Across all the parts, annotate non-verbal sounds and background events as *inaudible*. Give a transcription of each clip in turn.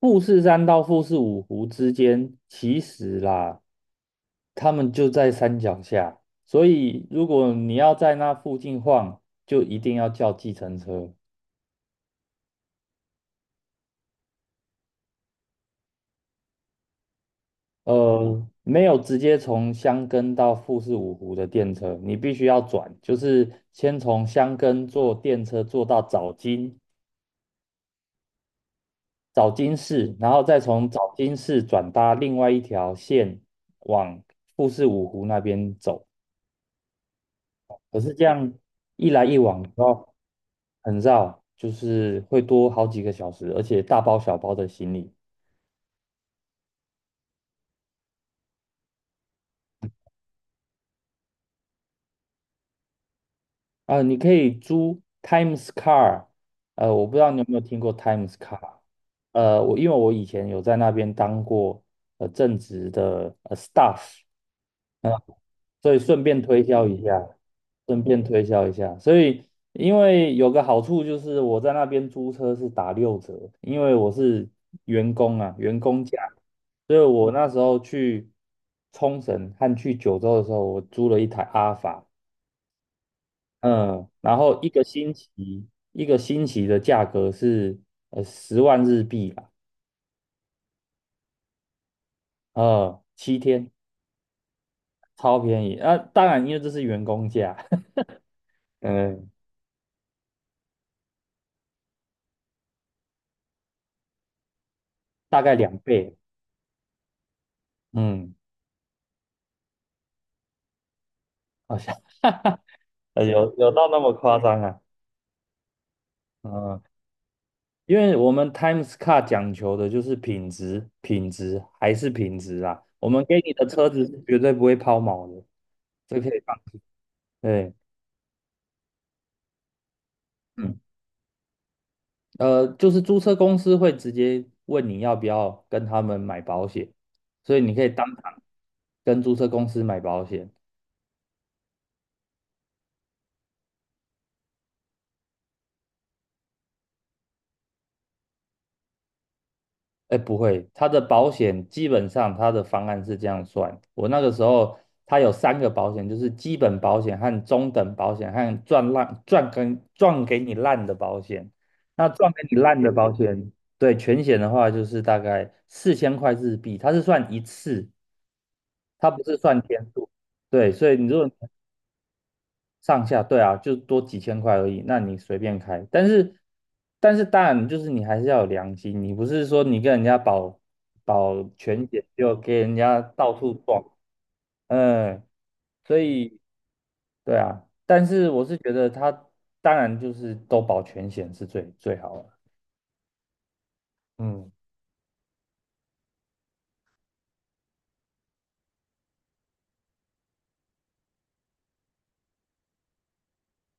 富士山到富士五湖之间，其实啦，他们就在山脚下，所以如果你要在那附近晃，就一定要叫计程车。没有直接从箱根到富士五湖的电车，你必须要转，就是先从箱根坐电车坐到早金，早金市，然后再从早金市转搭另外一条线往富士五湖那边走。可是这样一来一往然后很绕，就是会多好几个小时，而且大包小包的行李。啊、你可以租 Times Car。我不知道你有没有听过 Times Car。我因为我以前有在那边当过正职的staff，所以顺便推销一下，顺便推销一下。所以因为有个好处就是我在那边租车是打6折，因为我是员工啊，员工价。所以我那时候去冲绳和去九州的时候，我租了一台阿法。嗯，然后一个星期的价格是10万日币吧，7天超便宜。啊，当然因为这是员工价。*laughs* 嗯，大概2倍。嗯。好像 *laughs* 哈哈，有有到那么夸张啊？嗯，因为我们 Times Car 讲求的就是品质，品质还是品质啊。我们给你的车子是绝对不会抛锚的，这可以放。对。嗯，就是租车公司会直接问你要不要跟他们买保险，所以你可以当场跟租车公司买保险。哎，不会，它的保险基本上它的方案是这样算。我那个时候，它有3个保险，就是基本保险和中等保险和赚烂赚跟赚给你烂的保险。那赚给你烂的保险，对全险的话，就是大概4000块日币，它是算一次，它不是算天数。对，所以你如果上下，对啊，就多几千块而已，那你随便开。但是当然就是你还是要有良心，你不是说你跟人家保保全险就给人家到处撞。嗯，所以对啊，但是我是觉得他当然就是都保全险是最最好的。嗯。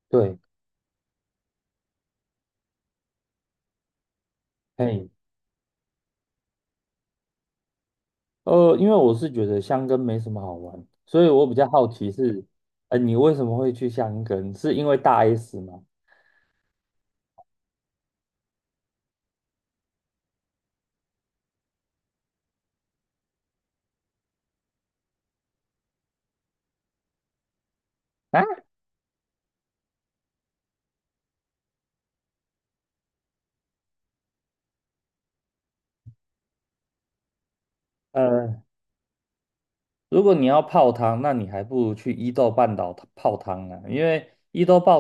对。嘿，因为我是觉得箱根没什么好玩，所以我比较好奇是，你为什么会去箱根？是因为大 S 吗？啊？呃。如果你要泡汤，那你还不如去伊豆半岛泡汤啊，因为伊豆半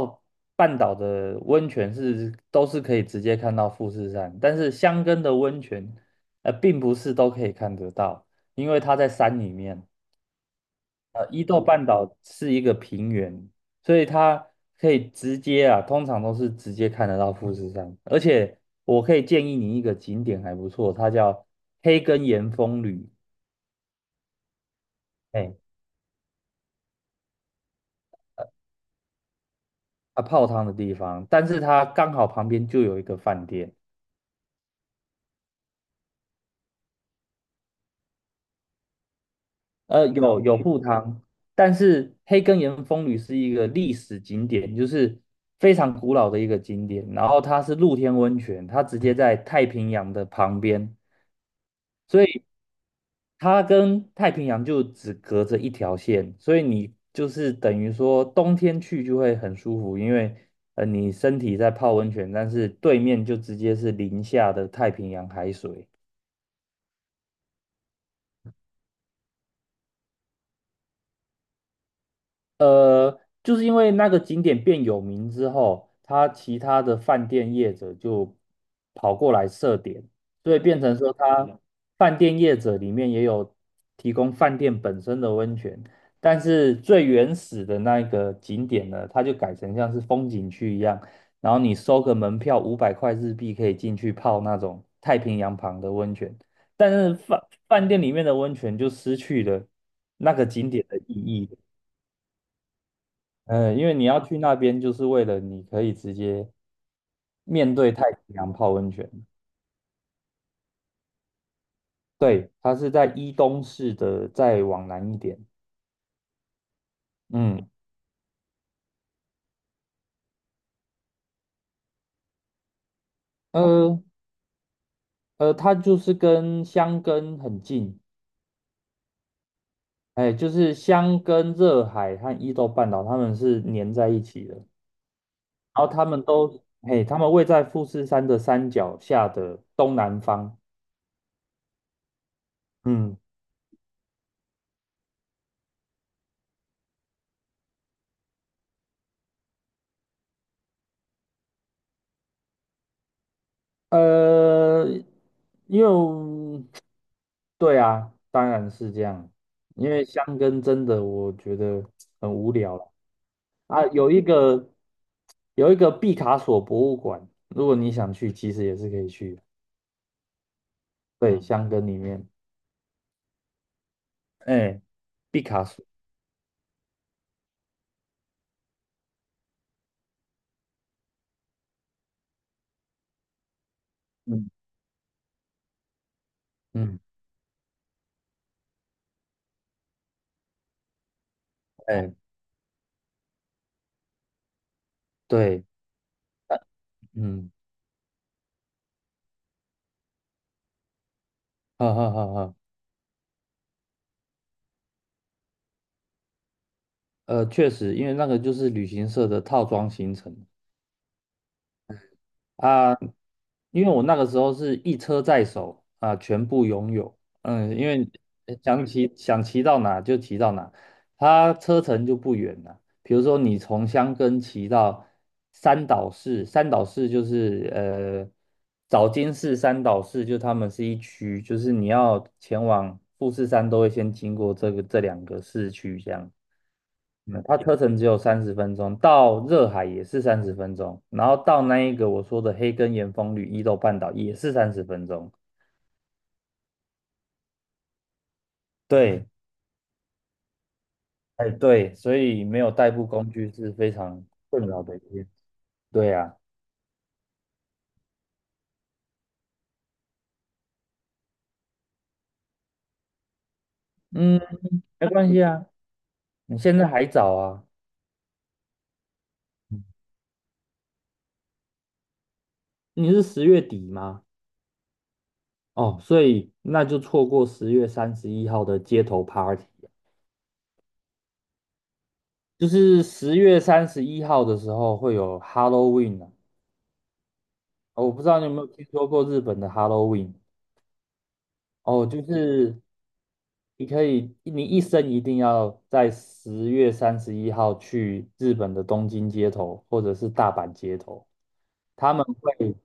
半岛的温泉是都是可以直接看到富士山，但是箱根的温泉，并不是都可以看得到，因为它在山里面。伊豆半岛是一个平原，所以它可以直接啊，通常都是直接看得到富士山。而且我可以建议你一个景点还不错，它叫黑根岩风旅。哎，啊泡汤的地方，但是它刚好旁边就有一个饭店。有铺汤，但是黑根岩风吕是一个历史景点，就是非常古老的一个景点，然后它是露天温泉，它直接在太平洋的旁边，所以它跟太平洋就只隔着一条线，所以你就是等于说冬天去就会很舒服，因为你身体在泡温泉，但是对面就直接是零下的太平洋海水。就是因为那个景点变有名之后，他其他的饭店业者就跑过来设点，所以变成说，他饭店业者里面也有提供饭店本身的温泉，但是最原始的那个景点呢，它就改成像是风景区一样，然后你收个门票500块日币可以进去泡那种太平洋旁的温泉，但是饭店里面的温泉就失去了那个景点的意义。嗯，因为你要去那边，就是为了你可以直接面对太平洋泡温泉。对，它是在伊东市的，再往南一点。嗯。呃它就是跟箱根很近。哎，就是箱根热海和伊豆半岛，它们是粘在一起的。然后它们都，它们位在富士山的山脚下的东南方。嗯。呃，因为对啊，当然是这样，因为香根真的我觉得很无聊了啊。有一个毕卡索博物馆，如果你想去，其实也是可以去的。对，香根里面。哎，毕卡索。嗯嗯。哎，对。嗯。*laughs* 哈哈哈哈。确实，因为那个就是旅行社的套装行程。啊，因为我那个时候是一车在手啊，全部拥有。嗯，因为想骑到哪就骑到哪，它车程就不远了。比如说你从箱根骑到三岛市，三岛市就是早金市、三岛市，就他们是一区，就是你要前往富士山都会先经过这个这2个市区这样。嗯，它车程只有三十分钟，到热海也是三十分钟，然后到那一个我说的黑根岩风吕伊豆半岛也是三十分钟。对。哎对，所以没有代步工具是非常困扰的一件事。对啊。嗯，没关系啊，你现在还早啊。嗯你是10月底吗？哦，所以那就错过十月三十一号的街头 party。啊，就是十月三十一号的时候会有 Halloween 啊。哦我不知道你有没有听说过日本的 Halloween。哦，就是你可以，你一生一定要在十月三十一号去日本的东京街头或者是大阪街头，他们会，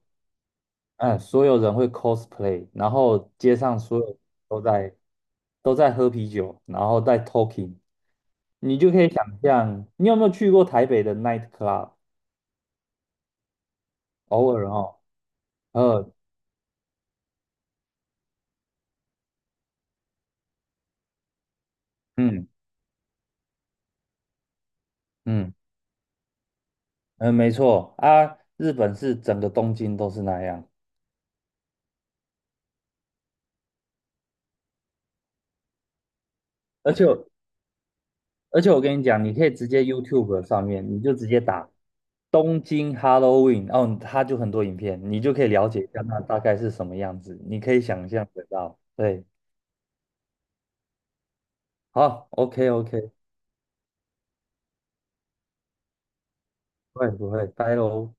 嗯，所有人会 cosplay,然后街上所有都在都在喝啤酒，然后在 talking,你就可以想象，你有没有去过台北的 night club?偶尔哦。呃，嗯嗯嗯，没错啊，日本是整个东京都是那样。而且而且我跟你讲，你可以直接 YouTube 上面，你就直接打东京 Halloween。哦，它就很多影片，你就可以了解一下那大概是什么样子，你可以想象得到。对，好，OK OK,不会不会，拜喽。